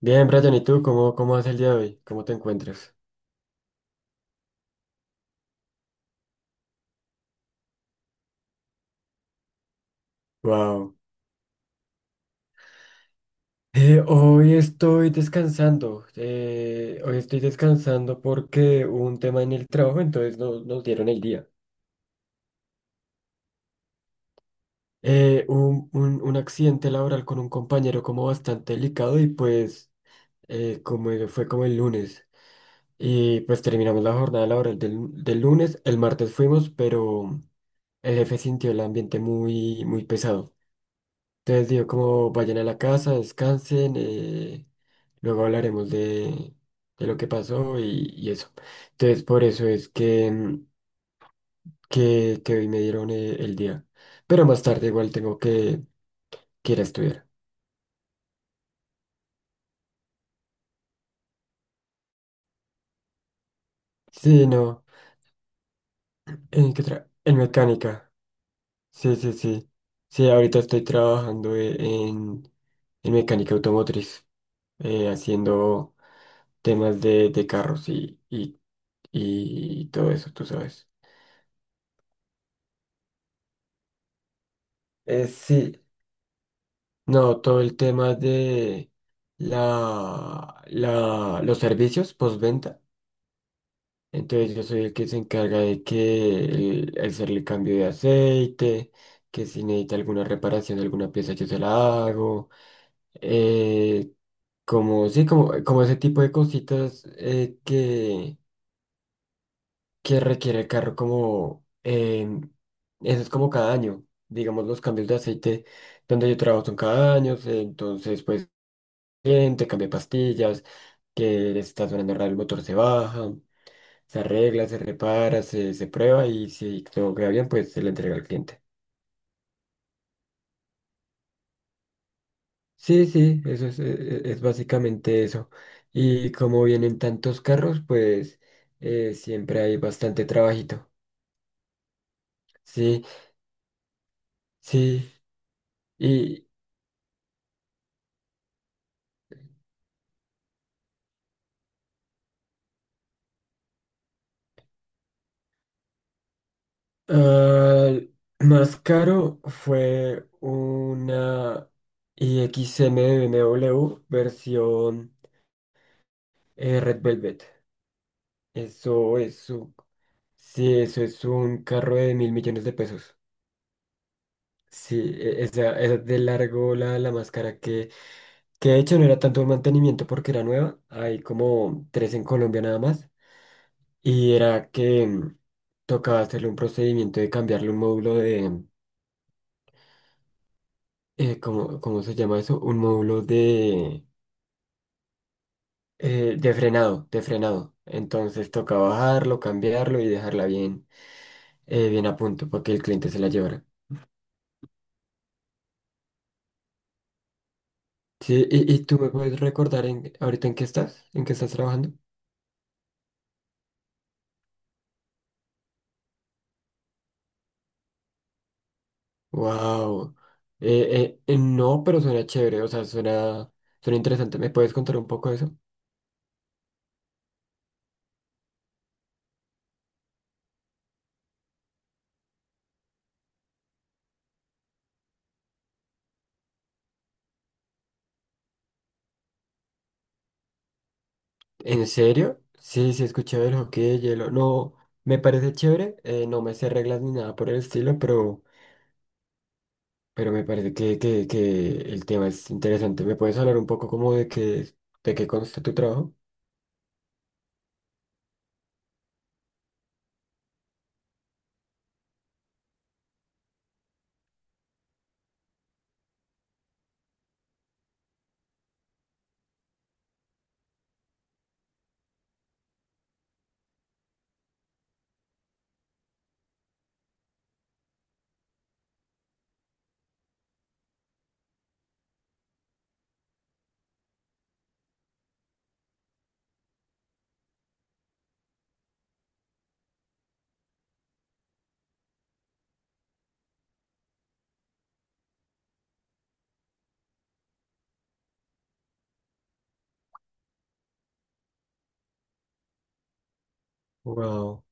Bien, Brian, ¿y tú cómo vas el día de hoy? ¿Cómo te encuentras? Wow. Hoy estoy descansando. Hoy estoy descansando porque hubo un tema en el trabajo, entonces no, nos dieron el día. Un accidente laboral con un compañero como bastante delicado y pues fue como el lunes. Y pues terminamos la jornada laboral del lunes. El martes fuimos, pero el jefe sintió el ambiente muy pesado. Entonces digo, como vayan a la casa, descansen, luego hablaremos de lo que pasó y eso. Entonces por eso es que hoy me dieron el día. Pero más tarde igual tengo que ir a estudiar. Sí, no. En mecánica. Sí, sí, sí. Sí, ahorita estoy trabajando en mecánica automotriz, haciendo temas de carros y todo eso, tú sabes. Eh, sí, No, todo el tema de los servicios postventa. Entonces yo soy el que se encarga de el hacerle cambio de aceite, que si necesita alguna reparación de alguna pieza yo se la hago. eh, Como ese tipo de cositas que requiere el carro como eso es como cada año. Digamos, los cambios de aceite donde yo trabajo son cada año. Entonces, pues te cambia pastillas, que está sonando raro, el motor se baja, se arregla, se repara, se prueba y si todo queda bien, pues se le entrega al cliente. Sí, sí, eso es básicamente eso. Y como vienen tantos carros, pues siempre hay bastante trabajito. Sí, sí. Y ah, Más caro fue una i IXM de B M w versión Red Velvet. Eso es un... Sí, eso es un carro de mil millones de pesos. Sí, esa de largo la más cara que de hecho no era tanto un mantenimiento porque era nueva. Hay como tres en Colombia nada más. Y era que tocaba hacerle un procedimiento de cambiarle un módulo de... ¿ cómo se llama eso? Un módulo de... de frenado. Entonces tocaba bajarlo, cambiarlo y dejarla bien, bien a punto para que el cliente se la llevara. Sí, y tú me puedes recordar ahorita en qué estás trabajando. Wow. No, pero suena chévere, o sea, suena, suena interesante. ¿Me puedes contar un poco de eso? ¿En serio? Sí, sí, he escuchado el hockey de hielo. No, me parece chévere. No me sé reglas ni nada por el estilo, pero me parece que el tema es interesante. ¿Me puedes hablar un poco como de qué consta tu trabajo? Wow.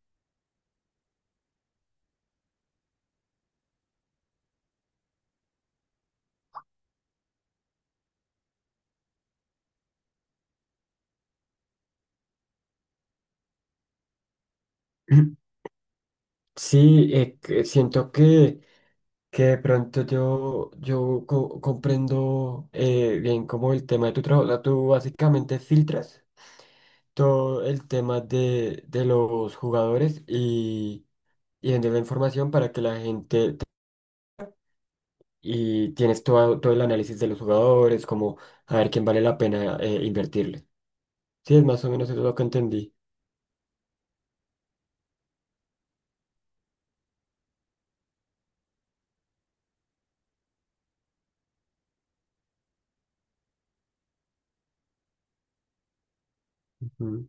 Sí, que siento que de pronto yo comprendo bien como el tema de tu trabajo. O sea, tú básicamente filtras todo el tema de los jugadores y vendes la información para que la gente... te- Y tienes todo el análisis de los jugadores, como a ver quién vale la pena invertirle. Sí, es más o menos eso lo que entendí. Ujú.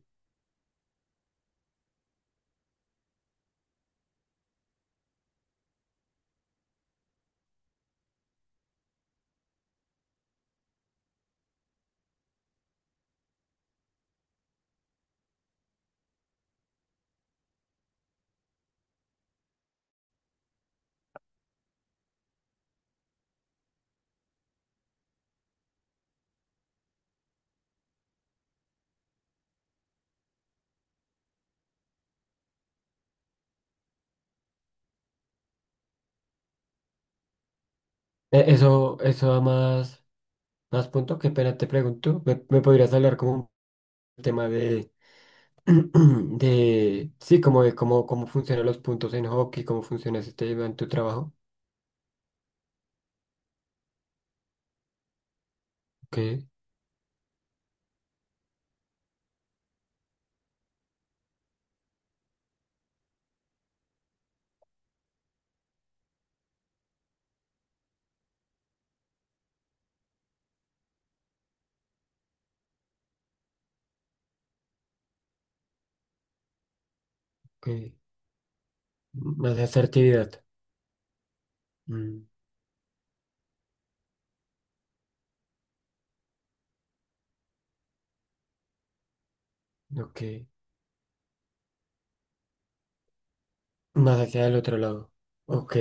Eso da más punto. Qué pena te pregunto. ¿ Me podrías hablar como un tema de De, sí, como de cómo funcionan los puntos en hockey, cómo funciona ese tema en tu trabajo. Ok, ok. Más asertividad. Mm, ok. Más hacia el otro lado. Ok.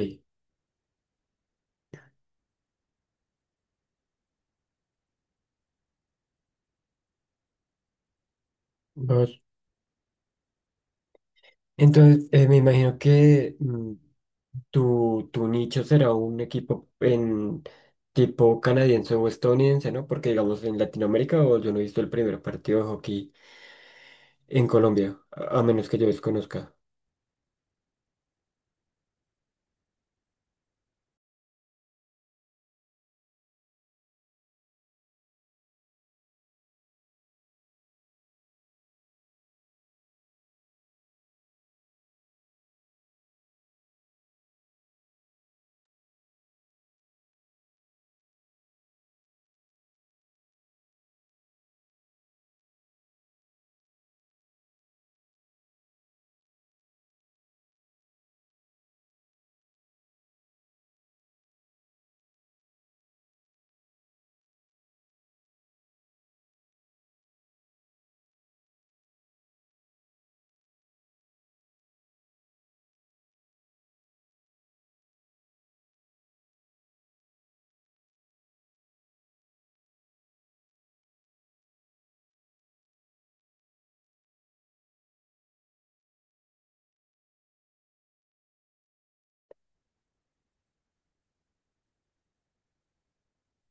Vos. Entonces, me imagino que tu nicho será un equipo en tipo canadiense o estadounidense, ¿no? Porque digamos en Latinoamérica o yo no he visto el primer partido de hockey en Colombia, a menos que yo desconozca.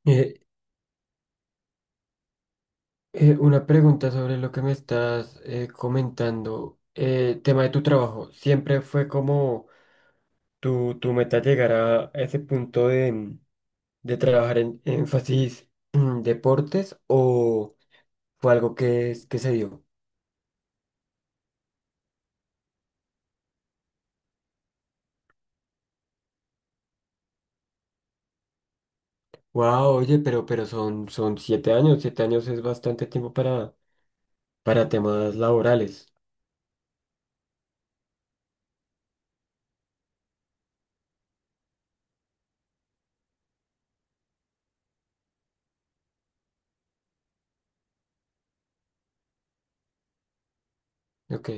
Eh, una pregunta sobre lo que me estás comentando. Tema de tu trabajo. ¿Siempre fue como tu meta llegar a ese punto de trabajar en énfasis en deportes o fue algo que se dio? Wow, oye, pero son, son siete años. Siete años es bastante tiempo para temas laborales. Ok,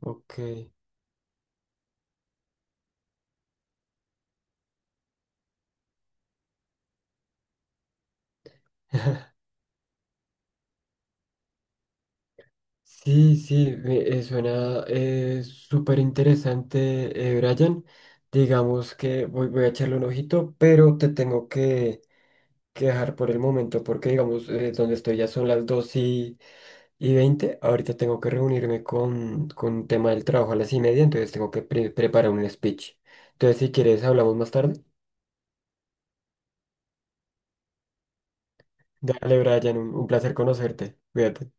ok. Sí, sí, suena súper interesante, Brian. Digamos que voy, voy a echarle un ojito, pero te tengo que dejar por el momento porque, digamos, donde estoy ya son las y 20. Ahorita tengo que reunirme con un tema del trabajo a las y media, entonces tengo que preparar un speech. Entonces, si quieres, hablamos más tarde. Dale, Brian, un placer conocerte. Cuídate.